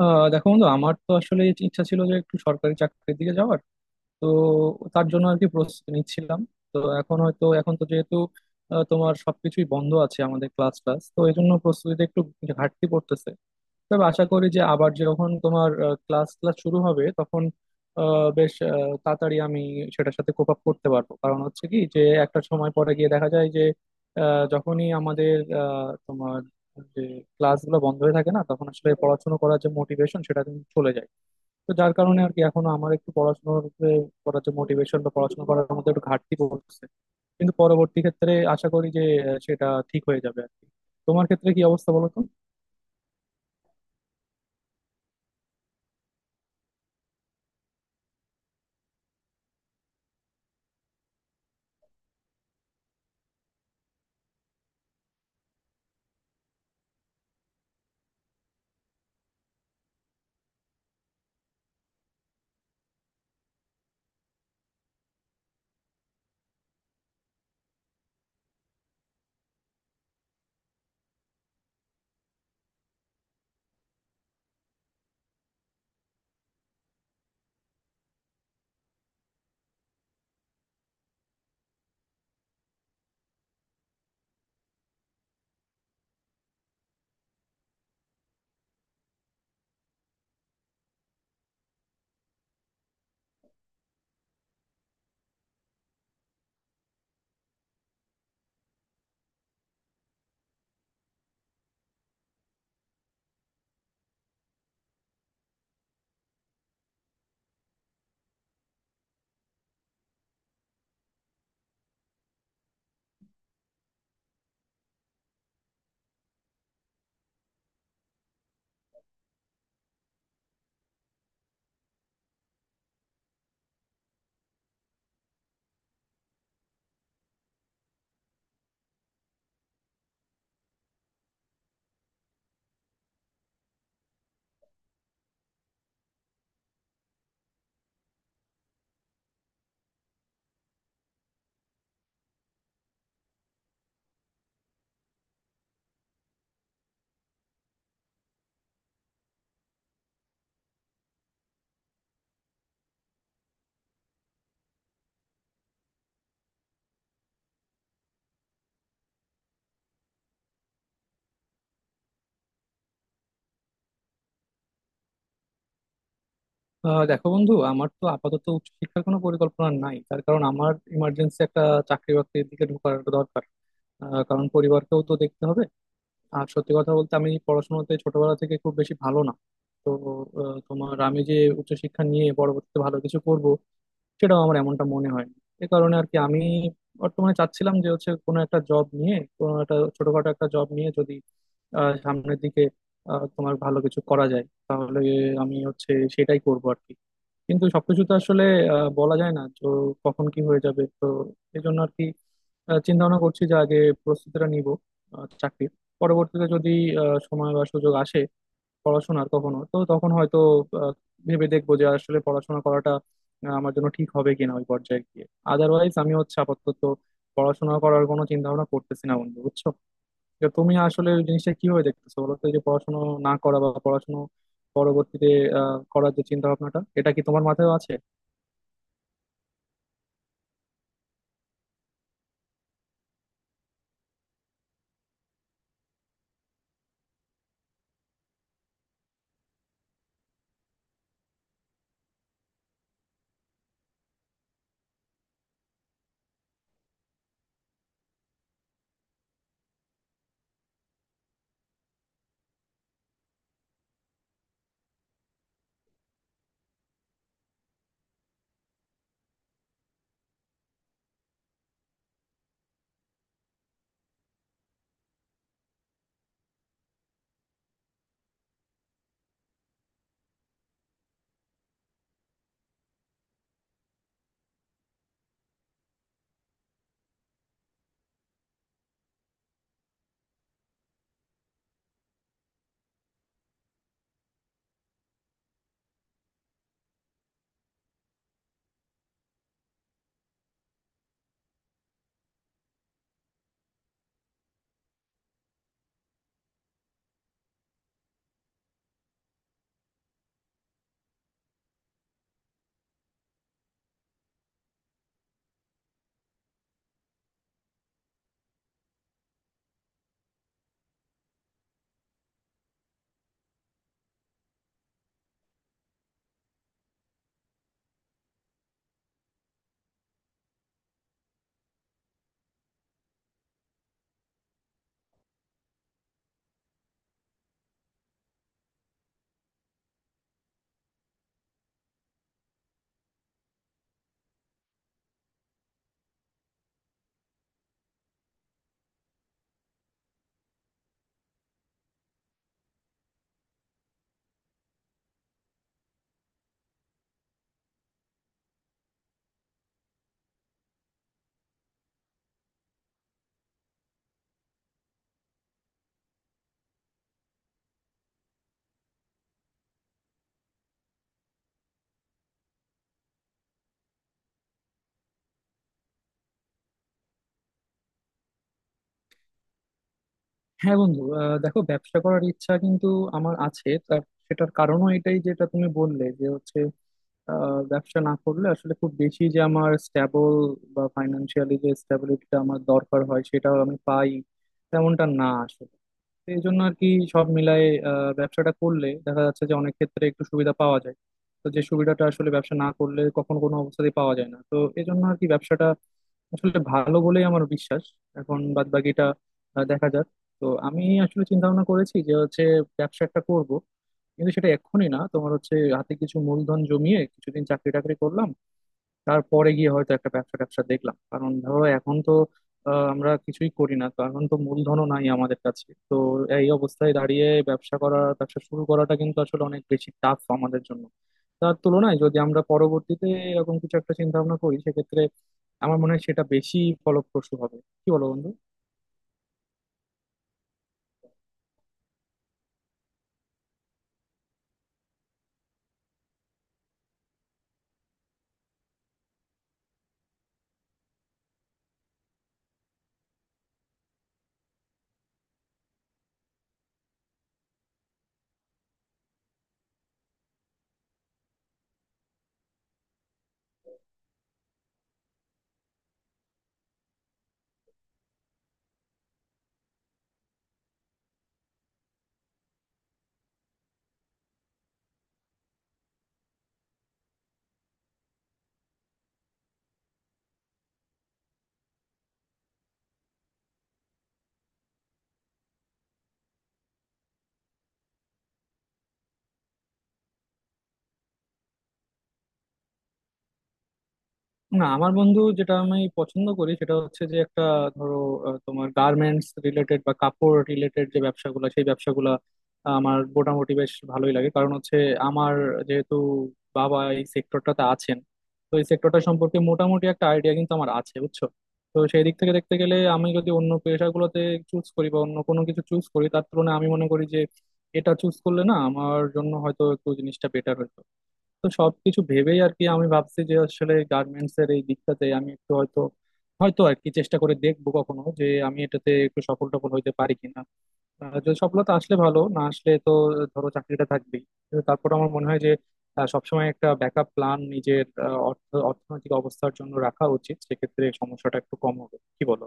দেখো বন্ধু, আমার তো আসলে ইচ্ছা ছিল যে একটু সরকারি চাকরির দিকে যাওয়ার। তো তার জন্য আর কি প্রস্তুতি নিচ্ছিলাম। তো এখন হয়তো এখন তো যেহেতু তোমার সবকিছুই বন্ধ আছে আমাদের ক্লাস ক্লাস, তো এই জন্য প্রস্তুতিতে একটু ঘাটতি পড়তেছে। তবে আশা করি যে আবার যখন তোমার ক্লাস ক্লাস শুরু হবে তখন বেশ তাড়াতাড়ি আমি সেটার সাথে কোপ আপ করতে পারবো। কারণ হচ্ছে কি যে একটা সময় পরে গিয়ে দেখা যায় যে যখনই আমাদের তোমার যে ক্লাসগুলো বন্ধ হয়ে থাকে না, তখন আসলে পড়াশোনা করার যে মোটিভেশন সেটা কিন্তু চলে যায়। তো যার কারণে আর কি এখনো আমার একটু পড়াশোনার করার যে মোটিভেশন বা পড়াশোনা করার মধ্যে একটু ঘাটতি পড়ছে। কিন্তু পরবর্তী ক্ষেত্রে আশা করি যে সেটা ঠিক হয়ে যাবে আর কি। তোমার ক্ষেত্রে কি অবস্থা, বলো তো? দেখো বন্ধু, আমার তো আপাতত উচ্চশিক্ষার কোনো পরিকল্পনা নাই। তার কারণ আমার ইমার্জেন্সি একটা চাকরি বাকরির দিকে ঢোকার দরকার। কারণ পরিবারকেও তো দেখতে হবে। আর সত্যি কথা বলতে আমি পড়াশোনাতে ছোটবেলা থেকে খুব বেশি ভালো না। তো তোমার আমি যে উচ্চশিক্ষা নিয়ে পরবর্তীতে ভালো কিছু করব সেটাও আমার এমনটা মনে হয়। এ কারণে আর কি আমি বর্তমানে চাচ্ছিলাম যে হচ্ছে কোনো একটা জব নিয়ে, কোনো একটা ছোটখাটো একটা জব নিয়ে যদি সামনের দিকে তোমার ভালো কিছু করা যায় তাহলে আমি হচ্ছে সেটাই করবো আর কি। কিন্তু সবকিছু তো আসলে বলা যায় না তো, কখন কি হয়ে যাবে তো। এই জন্য আর কি চিন্তা ভাবনা করছি যে আগে প্রস্তুতিটা নিব চাকরির। পরবর্তীতে যদি সময় বা সুযোগ আসে পড়াশোনার কখনো, তো তখন হয়তো আহ, ভেবে দেখবো যে আসলে পড়াশোনা করাটা আমার জন্য ঠিক হবে কিনা ওই পর্যায়ে গিয়ে। আদারওয়াইজ আমি হচ্ছে আপাতত পড়াশোনা করার কোনো চিন্তা ভাবনা করতেছি না বন্ধু, বুঝছো? তো তুমি আসলে ওই জিনিসটা কিভাবে দেখতেছো বলো তো, এই যে পড়াশোনা না করা বা পড়াশোনা পরবর্তীতে করার যে চিন্তা ভাবনাটা, এটা কি তোমার মাথায় আছে? হ্যাঁ বন্ধু, দেখো, ব্যবসা করার ইচ্ছা কিন্তু আমার আছে। সেটার কারণও এটাই, যেটা তুমি বললে যে হচ্ছে ব্যবসা না করলে আসলে খুব বেশি যে আমার স্ট্যাবল বা ফাইন্যান্সিয়ালি যে স্ট্যাবিলিটিটা আমার দরকার হয় সেটা আমি পাই তেমনটা না আসলে। তো এই জন্য আর কি সব মিলায়ে ব্যবসাটা করলে দেখা যাচ্ছে যে অনেক ক্ষেত্রে একটু সুবিধা পাওয়া যায়। তো যে সুবিধাটা আসলে ব্যবসা না করলে কখনো কোনো অবস্থাতেই পাওয়া যায় না, তো এই জন্য আর কি ব্যবসাটা আসলে ভালো বলেই আমার বিশ্বাস। এখন বাদ বাকিটা দেখা যাক। তো আমি আসলে চিন্তা ভাবনা করেছি যে হচ্ছে ব্যবসা একটা করব, কিন্তু সেটা এক্ষুনি না। তোমার হচ্ছে হাতে কিছু মূলধন জমিয়ে কিছুদিন চাকরি টাকরি করলাম, তারপরে গিয়ে হয়তো একটা ব্যবসা ট্যাবসা দেখলাম। কারণ ধরো এখন তো আমরা কিছুই করি না, তো এখন তো মূলধনও নাই আমাদের কাছে। তো এই অবস্থায় দাঁড়িয়ে ব্যবসা করা, ব্যবসা শুরু করাটা কিন্তু আসলে অনেক বেশি টাফ আমাদের জন্য। তার তুলনায় যদি আমরা পরবর্তীতে এরকম কিছু একটা চিন্তা ভাবনা করি সেক্ষেত্রে আমার মনে হয় সেটা বেশি ফলপ্রসূ হবে। কি বলো বন্ধু? না আমার বন্ধু, যেটা আমি পছন্দ করি সেটা হচ্ছে যে একটা, ধরো, তোমার গার্মেন্টস রিলেটেড বা কাপড় রিলেটেড যে ব্যবসাগুলো, সেই ব্যবসাগুলো আমার মোটামুটি বেশ ভালোই লাগে। কারণ হচ্ছে আমার যেহেতু বাবা এই সেক্টরটাতে আছেন, তো এই সেক্টরটা সম্পর্কে মোটামুটি একটা আইডিয়া কিন্তু আমার আছে, বুঝছো। তো সেই দিক থেকে দেখতে গেলে আমি যদি অন্য পেশাগুলোতে চুজ করি বা অন্য কোনো কিছু চুজ করি, তার তুলনায় আমি মনে করি যে এটা চুজ করলে না, আমার জন্য হয়তো একটু জিনিসটা বেটার হতো। তো সবকিছু ভেবেই আর কি আমি ভাবছি যে আসলে গার্মেন্টস এর এই দিকটাতে আমি একটু হয়তো, আর কি চেষ্টা করে দেখবো কখনো যে আমি এটাতে একটু সফল টফল হইতে পারি কিনা। যদি সফলতা আসলে ভালো না আসলে তো, ধরো, চাকরিটা থাকবেই। কিন্তু তারপর আমার মনে হয় যে সবসময় একটা ব্যাকআপ প্ল্যান নিজের অর্থনৈতিক অবস্থার জন্য রাখা উচিত, সেক্ষেত্রে সমস্যাটা একটু কম হবে, কি বলো?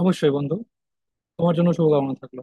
অবশ্যই বন্ধু, তোমার জন্য শুভকামনা থাকলো।